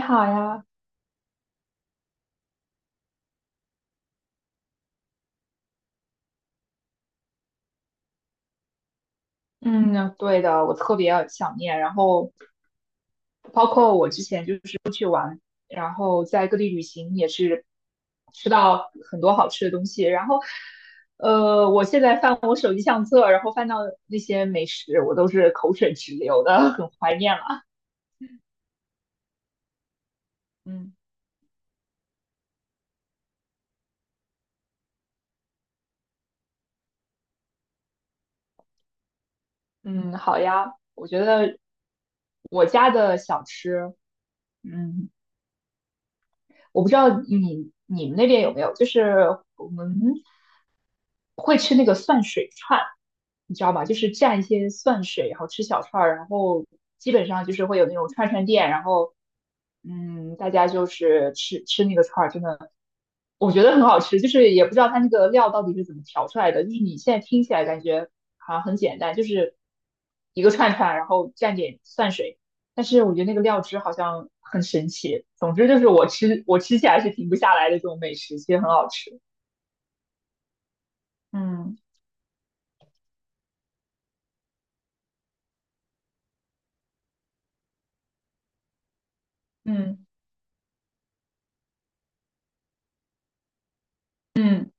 你好呀，嗯，对的，我特别想念。然后，包括我之前就是出去玩，然后在各地旅行也是吃到很多好吃的东西。然后，我现在翻我手机相册，然后翻到那些美食，我都是口水直流的，很怀念了。嗯嗯，好呀，我觉得我家的小吃，嗯。我不知道你们那边有没有，就是我们会吃那个蒜水串，你知道吗？就是蘸一些蒜水，然后吃小串儿，然后基本上就是会有那种串串店，然后大家就是吃吃那个串儿，真的我觉得很好吃，就是也不知道它那个料到底是怎么调出来的。就是你现在听起来感觉好像很简单，就是一个串串，然后蘸点蒜水。但是我觉得那个料汁好像很神奇。总之就是我吃起来是停不下来的这种美食，其实很好吃。嗯嗯，嗯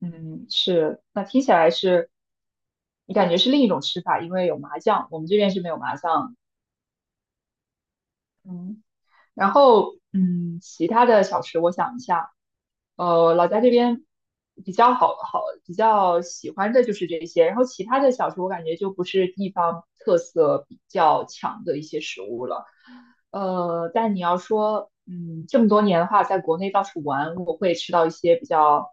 嗯，是。那听起来是，你感觉是另一种吃法，因为有麻酱，我们这边是没有麻酱。嗯。然后，其他的小吃我想一下，老家这边比较喜欢的就是这些，然后其他的小吃我感觉就不是地方特色比较强的一些食物了。但你要说，这么多年的话，在国内到处玩，我会吃到一些比较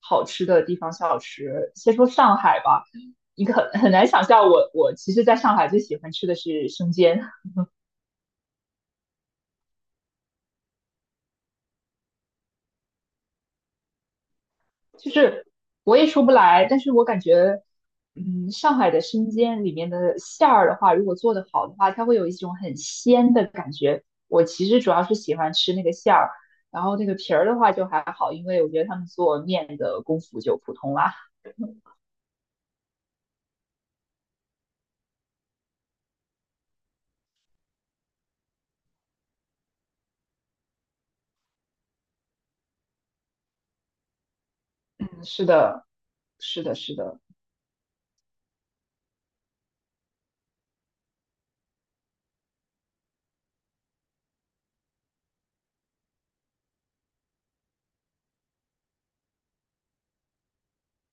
好吃的地方小吃。先说上海吧，你可很难想象我其实在上海最喜欢吃的是生煎。就是我也说不来，但是我感觉，上海的生煎里面的馅儿的话，如果做的好的话，它会有一种很鲜的感觉。我其实主要是喜欢吃那个馅儿，然后那个皮儿的话就还好，因为我觉得他们做面的功夫就普通啦。嗯，是的，是的，是的。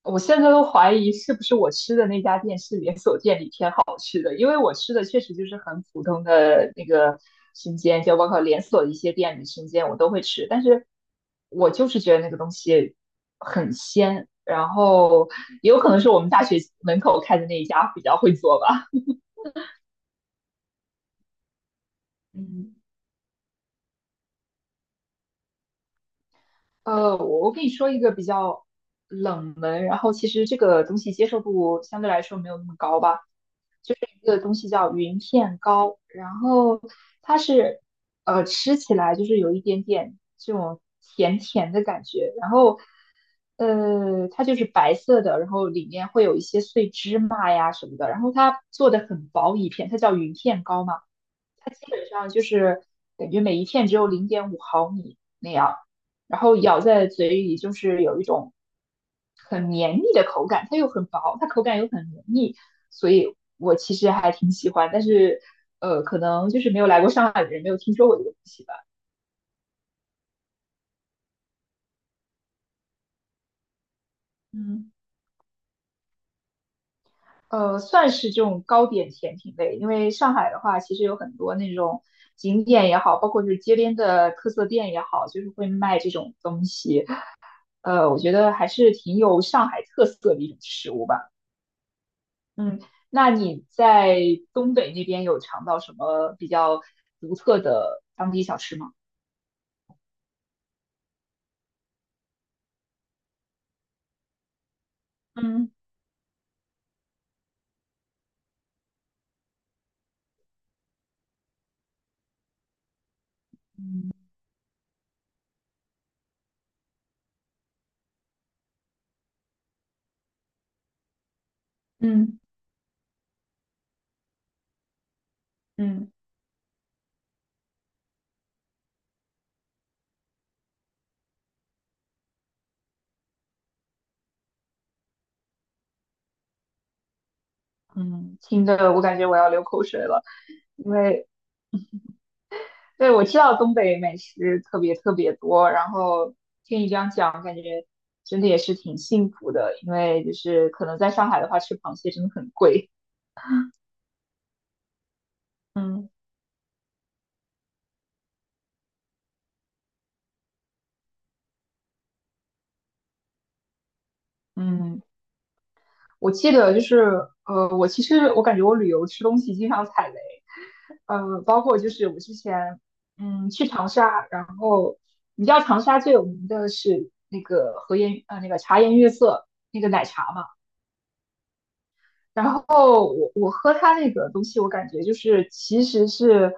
我现在都怀疑是不是我吃的那家店是连锁店里偏好吃的，因为我吃的确实就是很普通的那个生煎，就包括连锁的一些店里生煎我都会吃，但是我就是觉得那个东西很鲜，然后也有可能是我们大学门口开的那一家比较会做吧。嗯，我跟你说一个比较冷门，然后其实这个东西接受度相对来说没有那么高吧。一个东西叫云片糕，然后它是吃起来就是有一点点这种甜甜的感觉，然后它就是白色的，然后里面会有一些碎芝麻呀什么的，然后它做的很薄一片，它叫云片糕嘛，它基本上就是感觉每一片只有0.5毫米那样，然后咬在嘴里就是有一种很绵密的口感，它又很薄，它口感又很绵密，所以我其实还挺喜欢，但是可能就是没有来过上海的人没有听说过这个东西吧，嗯。算是这种糕点甜品类，因为上海的话其实有很多那种景点也好，包括就是街边的特色店也好，就是会卖这种东西。我觉得还是挺有上海特色的一种食物吧。嗯，那你在东北那边有尝到什么比较独特的当地小吃吗？嗯嗯嗯嗯，听的我感觉我要流口水了，因为对我知道东北美食特别特别多，然后听你这样讲，感觉真的也是挺幸福的，因为就是可能在上海的话，吃螃蟹真的很贵。嗯嗯。嗯，我记得就是，我其实我感觉我旅游吃东西经常踩雷，包括就是我之前，去长沙，然后你知道长沙最有名的是那个和颜，那个茶颜悦色那个奶茶嘛，然后我喝它那个东西，我感觉就是其实是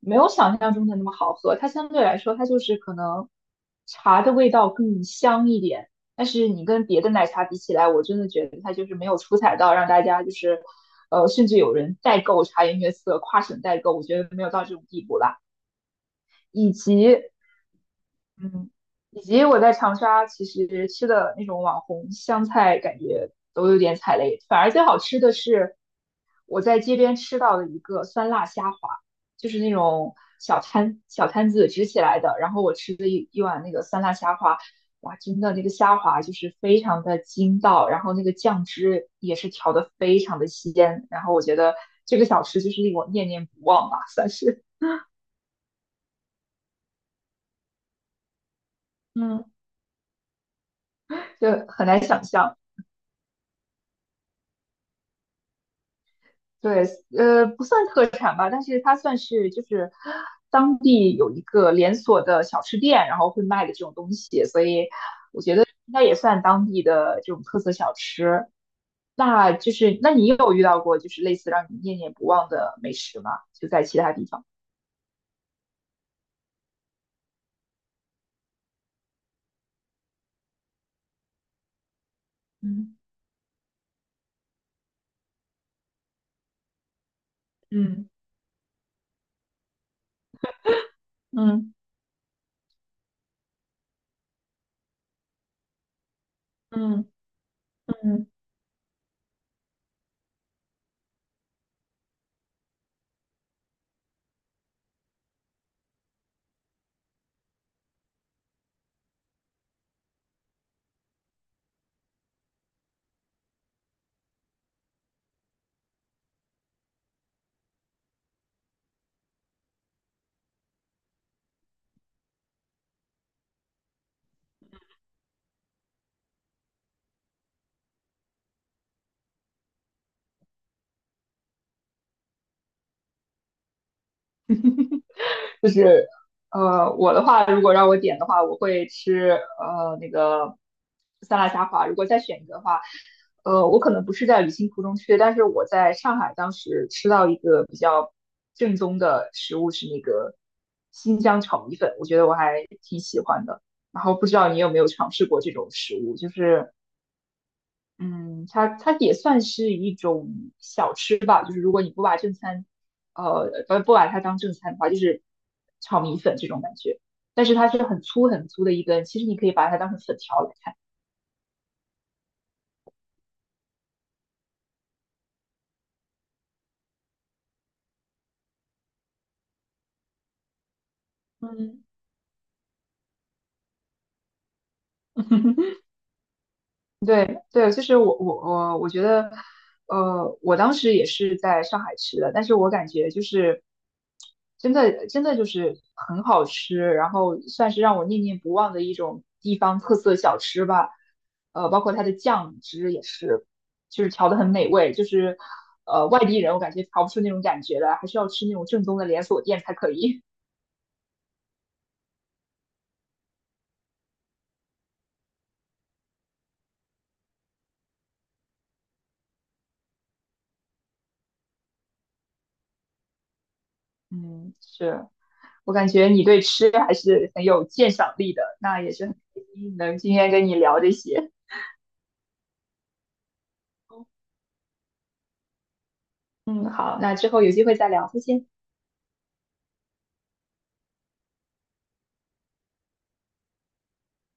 没有想象中的那么好喝，它相对来说它就是可能茶的味道更香一点，但是你跟别的奶茶比起来，我真的觉得它就是没有出彩到让大家就是甚至有人代购茶颜悦色，跨省代购，我觉得没有到这种地步啦。以及嗯，以及我在长沙其实吃的那种网红湘菜，感觉都有点踩雷。反而最好吃的是我在街边吃到的一个酸辣虾滑，就是那种小摊子支起来的。然后我吃了一碗那个酸辣虾滑，哇，真的那个虾滑就是非常的筋道，然后那个酱汁也是调的非常的鲜。然后我觉得这个小吃就是令我念念不忘吧，算是嗯，就很难想象。对，不算特产吧，但是它算是就是当地有一个连锁的小吃店，然后会卖的这种东西，所以应该也算当地的这种特色小吃。那就是，那你有遇到过就是类似让你念念不忘的美食吗？就在其他地方。嗯嗯嗯嗯嗯。就是我的话，如果让我点的话，我会吃那个酸辣虾滑。如果再选一个的话，我可能不是在旅行途中吃的，但是我在上海当时吃到一个比较正宗的食物是那个新疆炒米粉，我觉得我还挺喜欢的。然后不知道你有没有尝试过这种食物，就是嗯，它也算是一种小吃吧，就是如果你不把正餐，不把它当正餐的话，就是炒米粉这种感觉。但是它是很粗很粗的一根，其实你可以把它当成粉条来看。嗯，对对，就是我觉得，我当时也是在上海吃的，但是我感觉就是真的真的就是很好吃，然后算是让我念念不忘的一种地方特色小吃吧。包括它的酱汁也是，就是调的很美味，就是外地人我感觉调不出那种感觉来，还是要吃那种正宗的连锁店才可以。嗯，是。我感觉你对吃还是很有鉴赏力的，那也是很开心能今天跟你聊这些。嗯，好，那之后有机会再聊，再见。